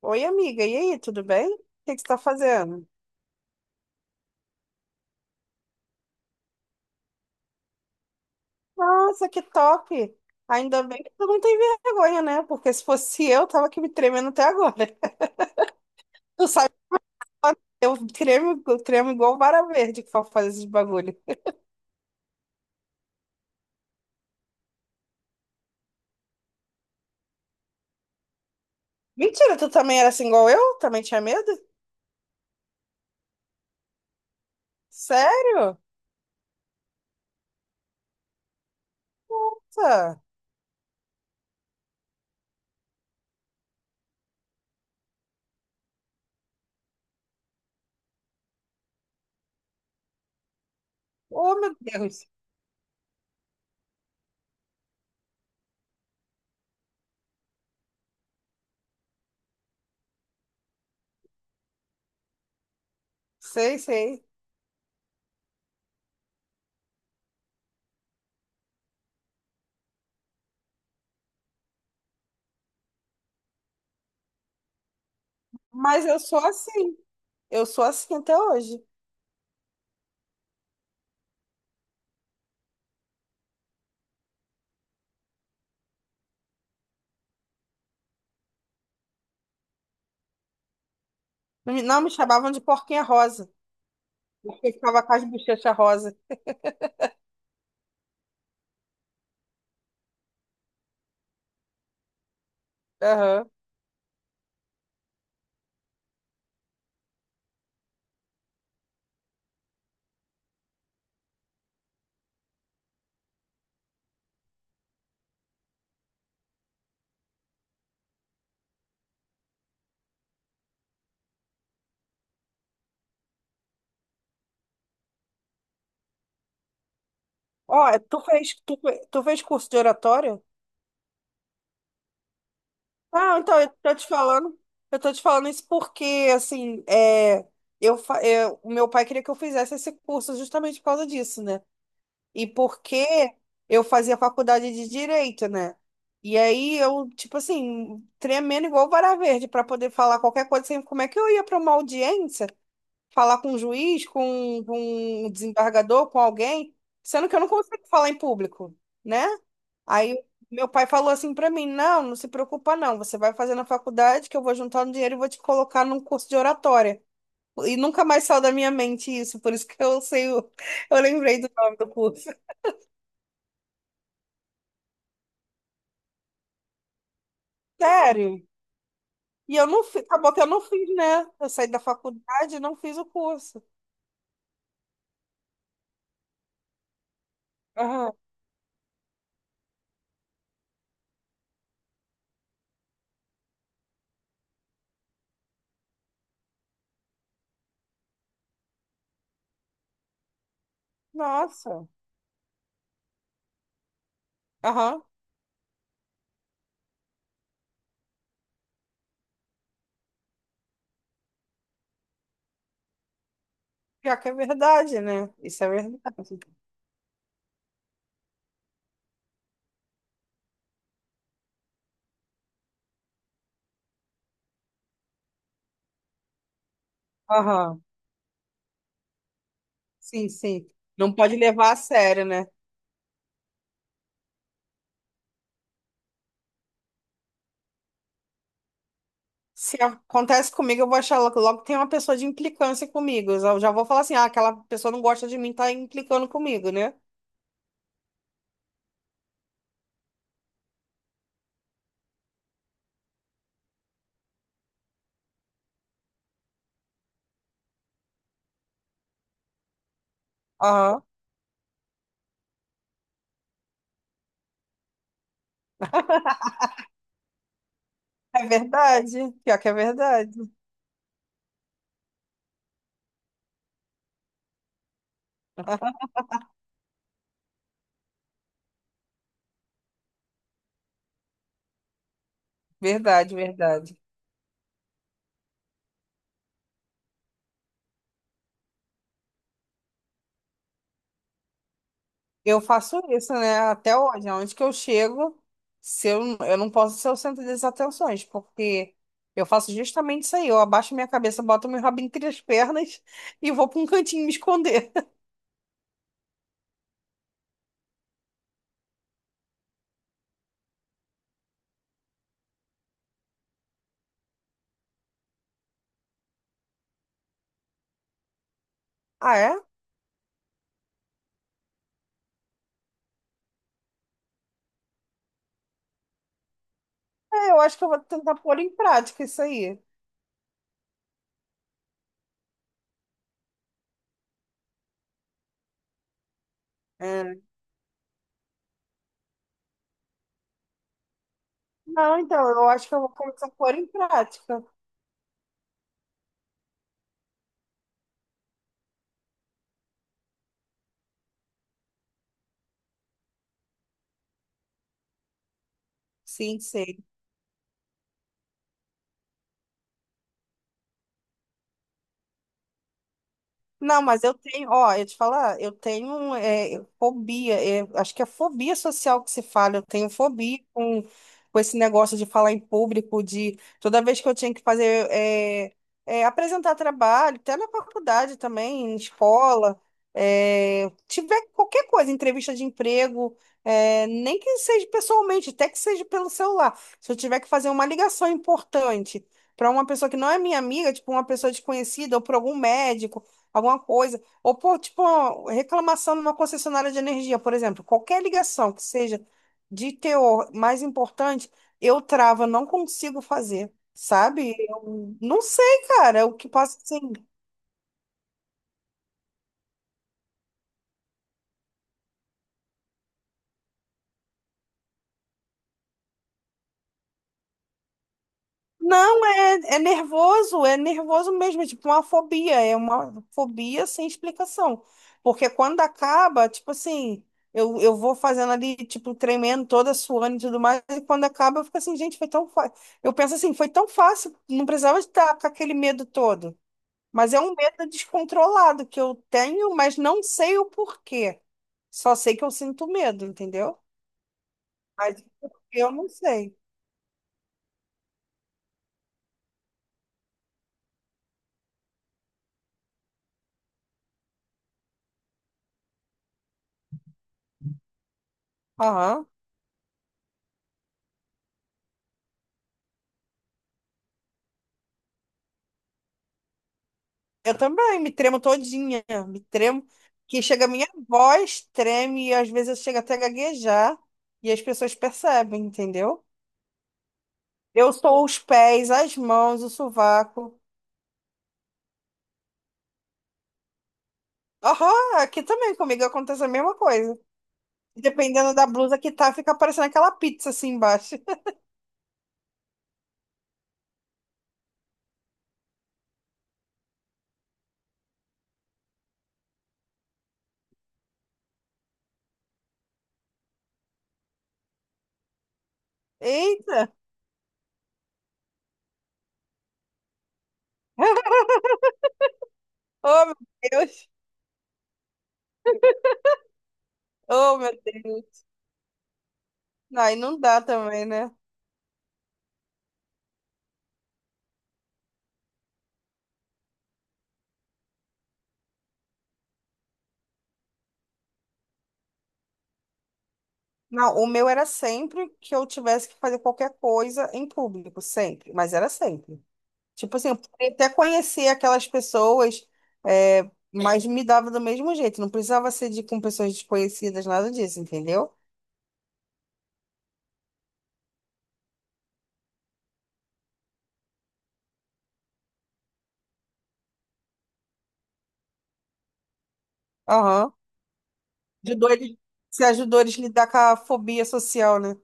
Oi, amiga, e aí, tudo bem? O que que você está fazendo? Nossa, que top! Ainda bem que tu não tem vergonha, né? Porque se fosse eu, tava aqui me tremendo até agora. Tu sabe, eu tremo igual vara verde que for fazer esses bagulho. Mentira, tu também era assim igual eu? Também tinha medo? Sério? Nossa! Oh, meu Deus! Sei, sei. Mas eu sou assim. Eu sou assim até hoje. Não, me não, me chamavam de porquinha rosa. Porque eu ficava com as bochechas rosa. Aham. Ó, é, tu fez curso de oratória? Ah, então, eu tô te falando isso porque, assim, é, o meu pai queria que eu fizesse esse curso justamente por causa disso, né? E porque eu fazia faculdade de Direito, né? E aí eu, tipo assim, tremendo igual vara verde para poder falar qualquer coisa, assim, como é que eu ia para uma audiência? Falar com um juiz, com um desembargador, com alguém, sendo que eu não consigo falar em público, né? Aí meu pai falou assim pra mim: não, não se preocupa, não, você vai fazer na faculdade que eu vou juntar um dinheiro e vou te colocar num curso de oratória. E nunca mais saiu da minha mente isso, por isso que eu sei, eu lembrei do nome do curso. Sério. E eu não fiz, acabou que eu não fiz, né? Eu saí da faculdade e não fiz o curso. Aham. Nossa. Aham. Já que é verdade, né? Isso é verdade. Aham. Sim, sim. Não pode levar a sério, né? Se acontece comigo, eu vou achar logo logo que tem uma pessoa de implicância comigo. Eu já já vou falar assim, ah, aquela pessoa não gosta de mim, tá implicando comigo, né? Aham. É verdade. Pior que é verdade. Verdade, verdade. Eu faço isso, né? Até hoje, aonde que eu chego, se eu, eu não posso ser o centro das atenções, porque eu faço justamente isso aí. Eu abaixo minha cabeça, boto meu rabo entre as pernas e vou pra um cantinho me esconder. Ah, é? É, eu acho que eu vou tentar pôr em prática isso aí. É. Não, então, eu acho que eu vou começar a pôr em prática. Sim, sim. Não, mas eu tenho, ó, eu te falar, eu tenho é, fobia, é, acho que é fobia social que se fala, eu tenho fobia com esse negócio de falar em público, de toda vez que eu tinha que fazer, apresentar trabalho, até na faculdade também, em escola, é, tiver qualquer coisa, entrevista de emprego, é, nem que seja pessoalmente, até que seja pelo celular, se eu tiver que fazer uma ligação importante. Para uma pessoa que não é minha amiga, tipo uma pessoa desconhecida, ou para algum médico alguma coisa. Ou, pô, tipo, uma reclamação numa concessionária de energia, por exemplo. Qualquer ligação que seja de teor mais importante, eu travo, não consigo fazer, sabe? Eu não sei, cara, o que passa assim. Não, é, é nervoso mesmo, é tipo uma fobia, é uma fobia sem explicação. Porque quando acaba, tipo assim, eu vou fazendo ali, tipo, tremendo toda, suando e tudo mais, e quando acaba, eu fico assim, gente, foi tão fácil. Eu penso assim, foi tão fácil, não precisava estar com aquele medo todo. Mas é um medo descontrolado que eu tenho, mas não sei o porquê. Só sei que eu sinto medo, entendeu? Mas eu não sei. Aham. Eu também, me tremo todinha, que chega a minha voz, treme, e às vezes eu chego até a gaguejar, e as pessoas percebem, entendeu? Eu sou os pés, as mãos, o sovaco. Aham, aqui também comigo acontece a mesma coisa. Dependendo da blusa que tá, fica parecendo aquela pizza assim embaixo. Eita! Oh, meu Deus! Oh, meu Deus! Não, aí não dá também, né? Não, o meu era sempre que eu tivesse que fazer qualquer coisa em público, sempre, mas era sempre. Tipo assim, eu poderia até conhecer aquelas pessoas, é, mas me dava do mesmo jeito. Não precisava ser de, com pessoas desconhecidas, nada disso, entendeu? Aham. Ajudou eles, se ajudou eles a lidar com a fobia social, né?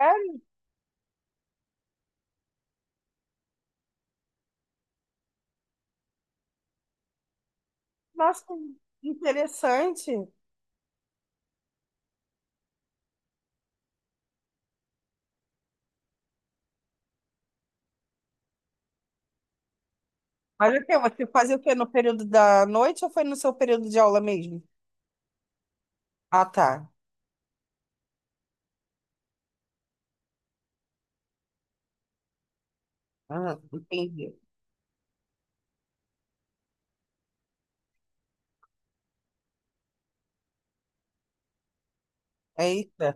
É, nossa, interessante. Mas o quê? Você fazia o quê? No período da noite ou foi no seu período de aula mesmo? Ah, tá. Ah, entendi. Eita.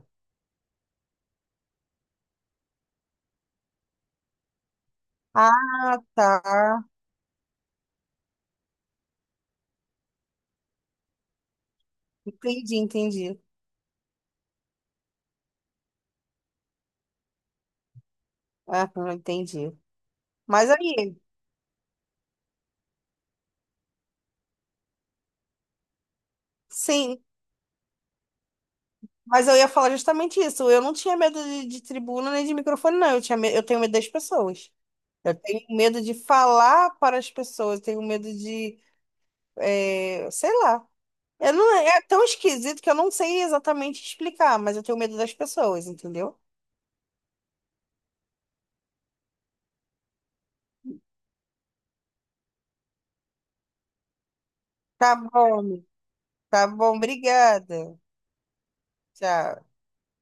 Ah, tá. Entendi, entendi. Aham, entendi. Mas aí, sim, mas eu ia falar justamente isso. Eu não tinha medo de tribuna nem de microfone, não. Eu tenho medo das pessoas. Eu tenho medo de falar para as pessoas. Eu tenho medo de, é, sei lá. Eu não, é tão esquisito que eu não sei exatamente explicar, mas eu tenho medo das pessoas, entendeu? Tá bom, tá bom, obrigada. Tchau.